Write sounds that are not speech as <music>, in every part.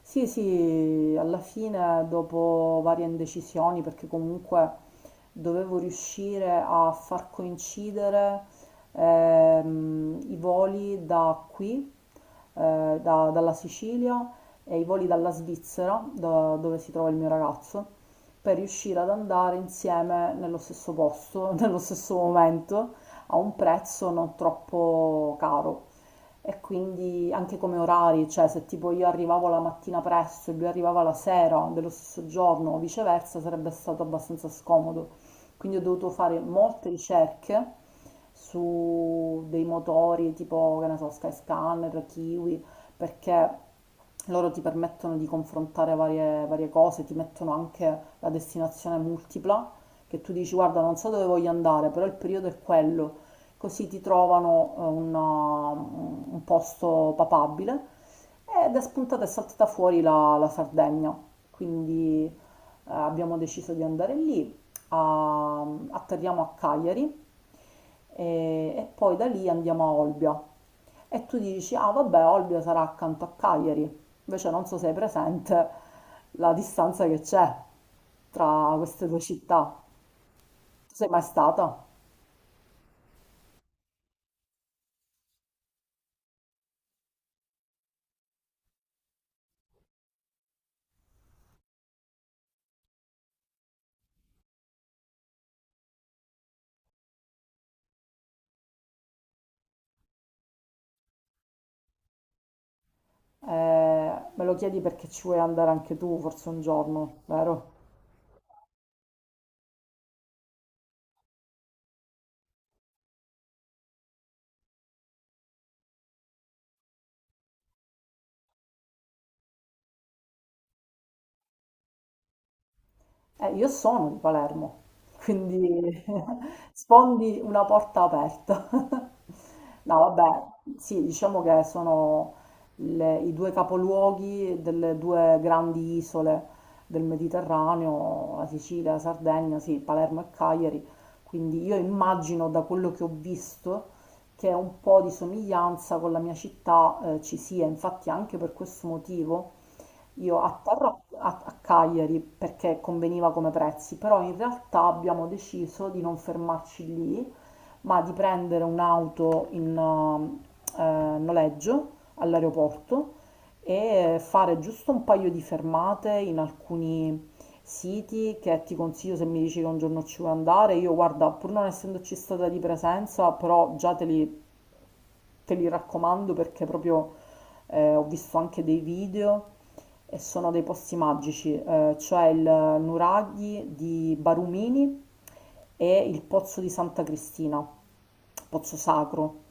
Sì, sì, alla fine dopo varie indecisioni, perché comunque dovevo riuscire a far coincidere i voli da qui, dalla Sicilia e i voli dalla Svizzera, dove si trova il mio ragazzo, per riuscire ad andare insieme nello stesso posto, <laughs> nello stesso momento, a un prezzo non troppo caro e quindi anche come orari, cioè se tipo io arrivavo la mattina presto e lui arrivava la sera dello stesso giorno o viceversa sarebbe stato abbastanza scomodo. Quindi ho dovuto fare molte ricerche su dei motori tipo, che ne so, Skyscanner, Kiwi, perché loro ti permettono di confrontare varie cose, ti mettono anche la destinazione multipla, che tu dici guarda non so dove voglio andare, però il periodo è quello, così ti trovano un posto papabile ed è spuntata e saltata fuori la Sardegna. Quindi abbiamo deciso di andare lì, a- atterriamo a Cagliari e poi da lì andiamo a Olbia. E tu dici, ah vabbè, Olbia sarà accanto a Cagliari. Invece non so se hai presente la distanza che c'è tra queste due città. Tu sei mai stata? Me lo chiedi perché ci vuoi andare anche tu, forse un giorno, vero? Io sono di Palermo, quindi <laughs> sfondi una porta aperta. <laughs> No, vabbè, sì, diciamo che sono i due capoluoghi delle due grandi isole del Mediterraneo, la Sicilia, la Sardegna, sì, Palermo e Cagliari. Quindi io immagino da quello che ho visto che un po' di somiglianza con la mia città, ci sia, infatti anche per questo motivo. Io a Terra, a, a Cagliari, perché conveniva come prezzi, però in realtà abbiamo deciso di non fermarci lì, ma di prendere un'auto in noleggio all'aeroporto e fare giusto un paio di fermate in alcuni siti che ti consiglio se mi dici che un giorno ci vuoi andare. Io guarda, pur non essendoci stata di presenza, però già te li raccomando perché proprio ho visto anche dei video e sono dei posti magici. Eh, c'è il Nuraghi di Barumini e il Pozzo di Santa Cristina, Pozzo Sacro.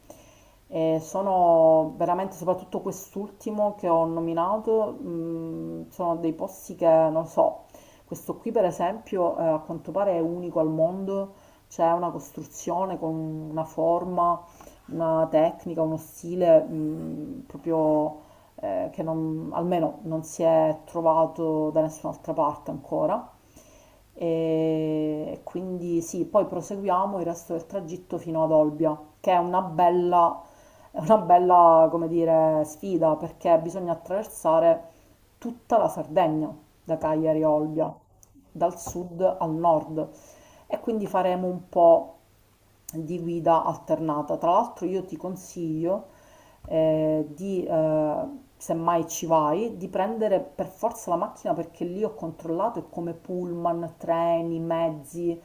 E sono veramente, soprattutto quest'ultimo che ho nominato, sono dei posti che non so. Questo qui, per esempio, a quanto pare è unico al mondo. C'è una costruzione con una forma una tecnica, uno stile proprio che non- almeno non si è trovato da nessun'altra parte ancora. E quindi sì, poi proseguiamo il resto del tragitto fino ad Olbia, che è una bella, come dire, sfida perché bisogna attraversare tutta la Sardegna, da Cagliari a Olbia, dal sud al nord. E quindi faremo un po' di guida alternata. Tra l'altro io ti consiglio di semmai ci vai, di prendere per forza la macchina perché lì ho controllato è come pullman, treni, mezzi,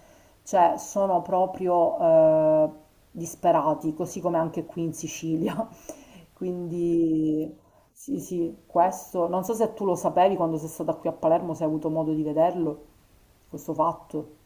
cioè sono proprio disperati, così come anche qui in Sicilia. <laughs> Quindi sì, sì, questo, non so se tu lo sapevi quando sei stata qui a Palermo, se hai avuto modo di vederlo, questo fatto.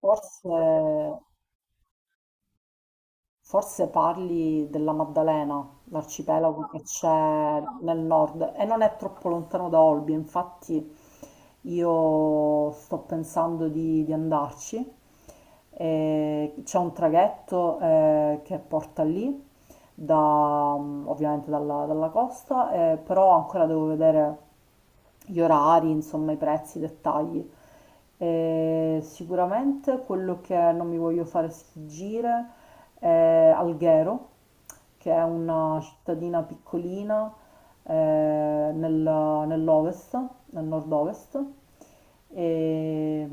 Forse... Forse parli della Maddalena, l'arcipelago che c'è nel nord e non è troppo lontano da Olbia, infatti io sto pensando di andarci. E c'è un traghetto che porta lì, da, ovviamente dalla costa, però ancora devo vedere gli orari, insomma i prezzi, i dettagli. E sicuramente quello che non mi voglio fare sfuggire Alghero, che è una cittadina piccolina eh, nell'ovest, nel nord-ovest, e,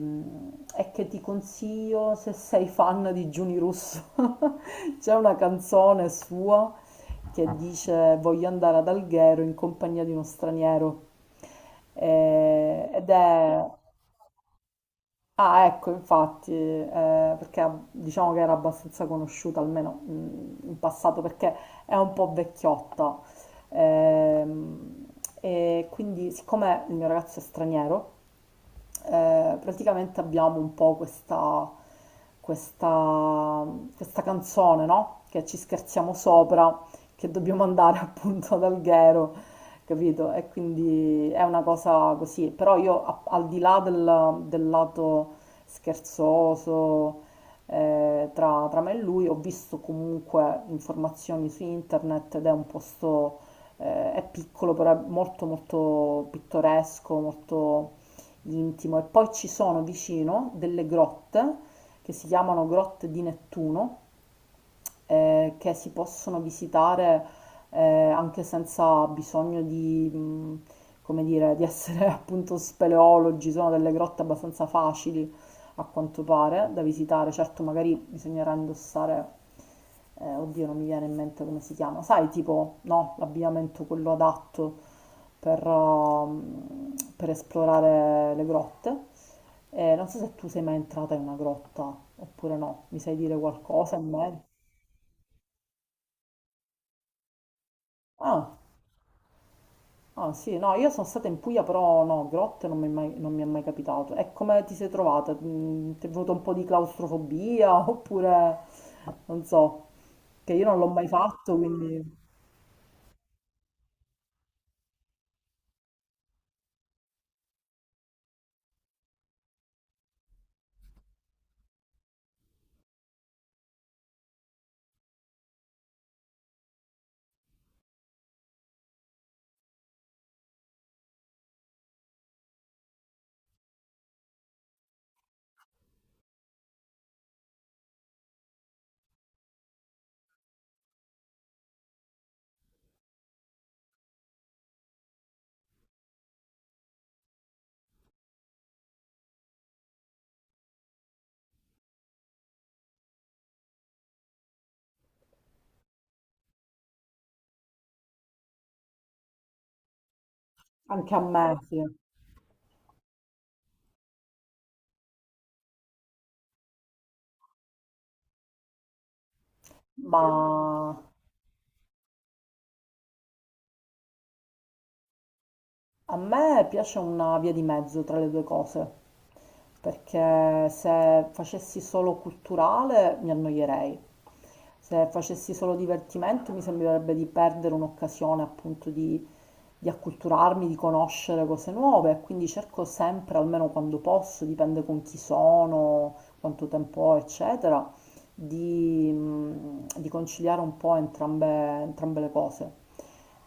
e che ti consiglio se sei fan di Giuni Russo. <laughs> C'è una canzone sua che dice voglio andare ad Alghero in compagnia di uno straniero. Eh, ed è... Ah, ecco, infatti, perché diciamo che era abbastanza conosciuta, almeno in passato, perché è un po' vecchiotta. Ehm, e quindi, siccome il mio ragazzo è straniero, praticamente abbiamo un po' questa, questa canzone, no? Che ci scherziamo sopra, che dobbiamo andare <laughs> appunto ad Alghero, capito? E quindi è una cosa così, però io al di là del lato scherzoso tra me e lui ho visto comunque informazioni su internet ed è un posto, è piccolo, però è molto molto pittoresco, molto intimo e poi ci sono vicino delle grotte che si chiamano grotte di Nettuno che si possono visitare anche senza bisogno di, come dire, di essere <laughs> appunto speleologi, sono delle grotte abbastanza facili a quanto pare da visitare, certo magari bisognerà indossare oddio, non mi viene in mente come si chiama, sai, tipo, no, l'abbigliamento quello adatto per, per esplorare le grotte. Non so se tu sei mai entrata in una grotta oppure no, mi sai dire qualcosa in merito? Ah, ah, sì, no, io sono stata in Puglia, però no, grotte non mi è mai capitato. E come ti sei trovata? Ti è venuto un po' di claustrofobia <laughs> oppure non so, che io non l'ho mai fatto, quindi anche a me, sì. Ma A me piace una via di mezzo tra le due cose, perché se facessi solo culturale mi annoierei. Se facessi solo divertimento mi sembrerebbe di perdere un'occasione appunto di acculturarmi, di conoscere cose nuove, quindi cerco sempre, almeno quando posso, dipende con chi sono, quanto tempo ho, eccetera, di conciliare un po' entrambe le cose.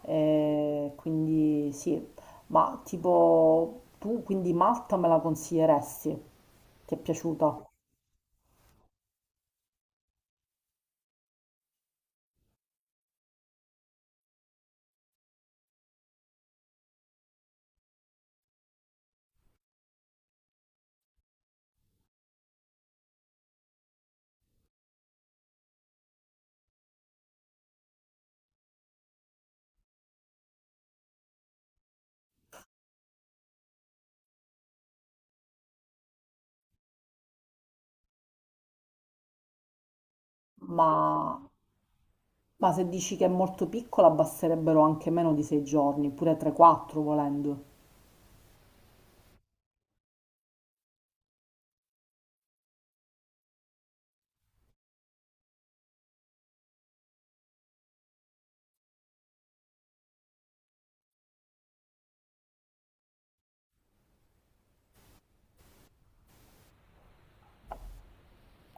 E quindi sì, ma tipo tu quindi Malta me la consiglieresti? Ti è piaciuta? Ma, ma se dici che è molto piccola basterebbero anche meno di 6 giorni, pure 3-4 volendo.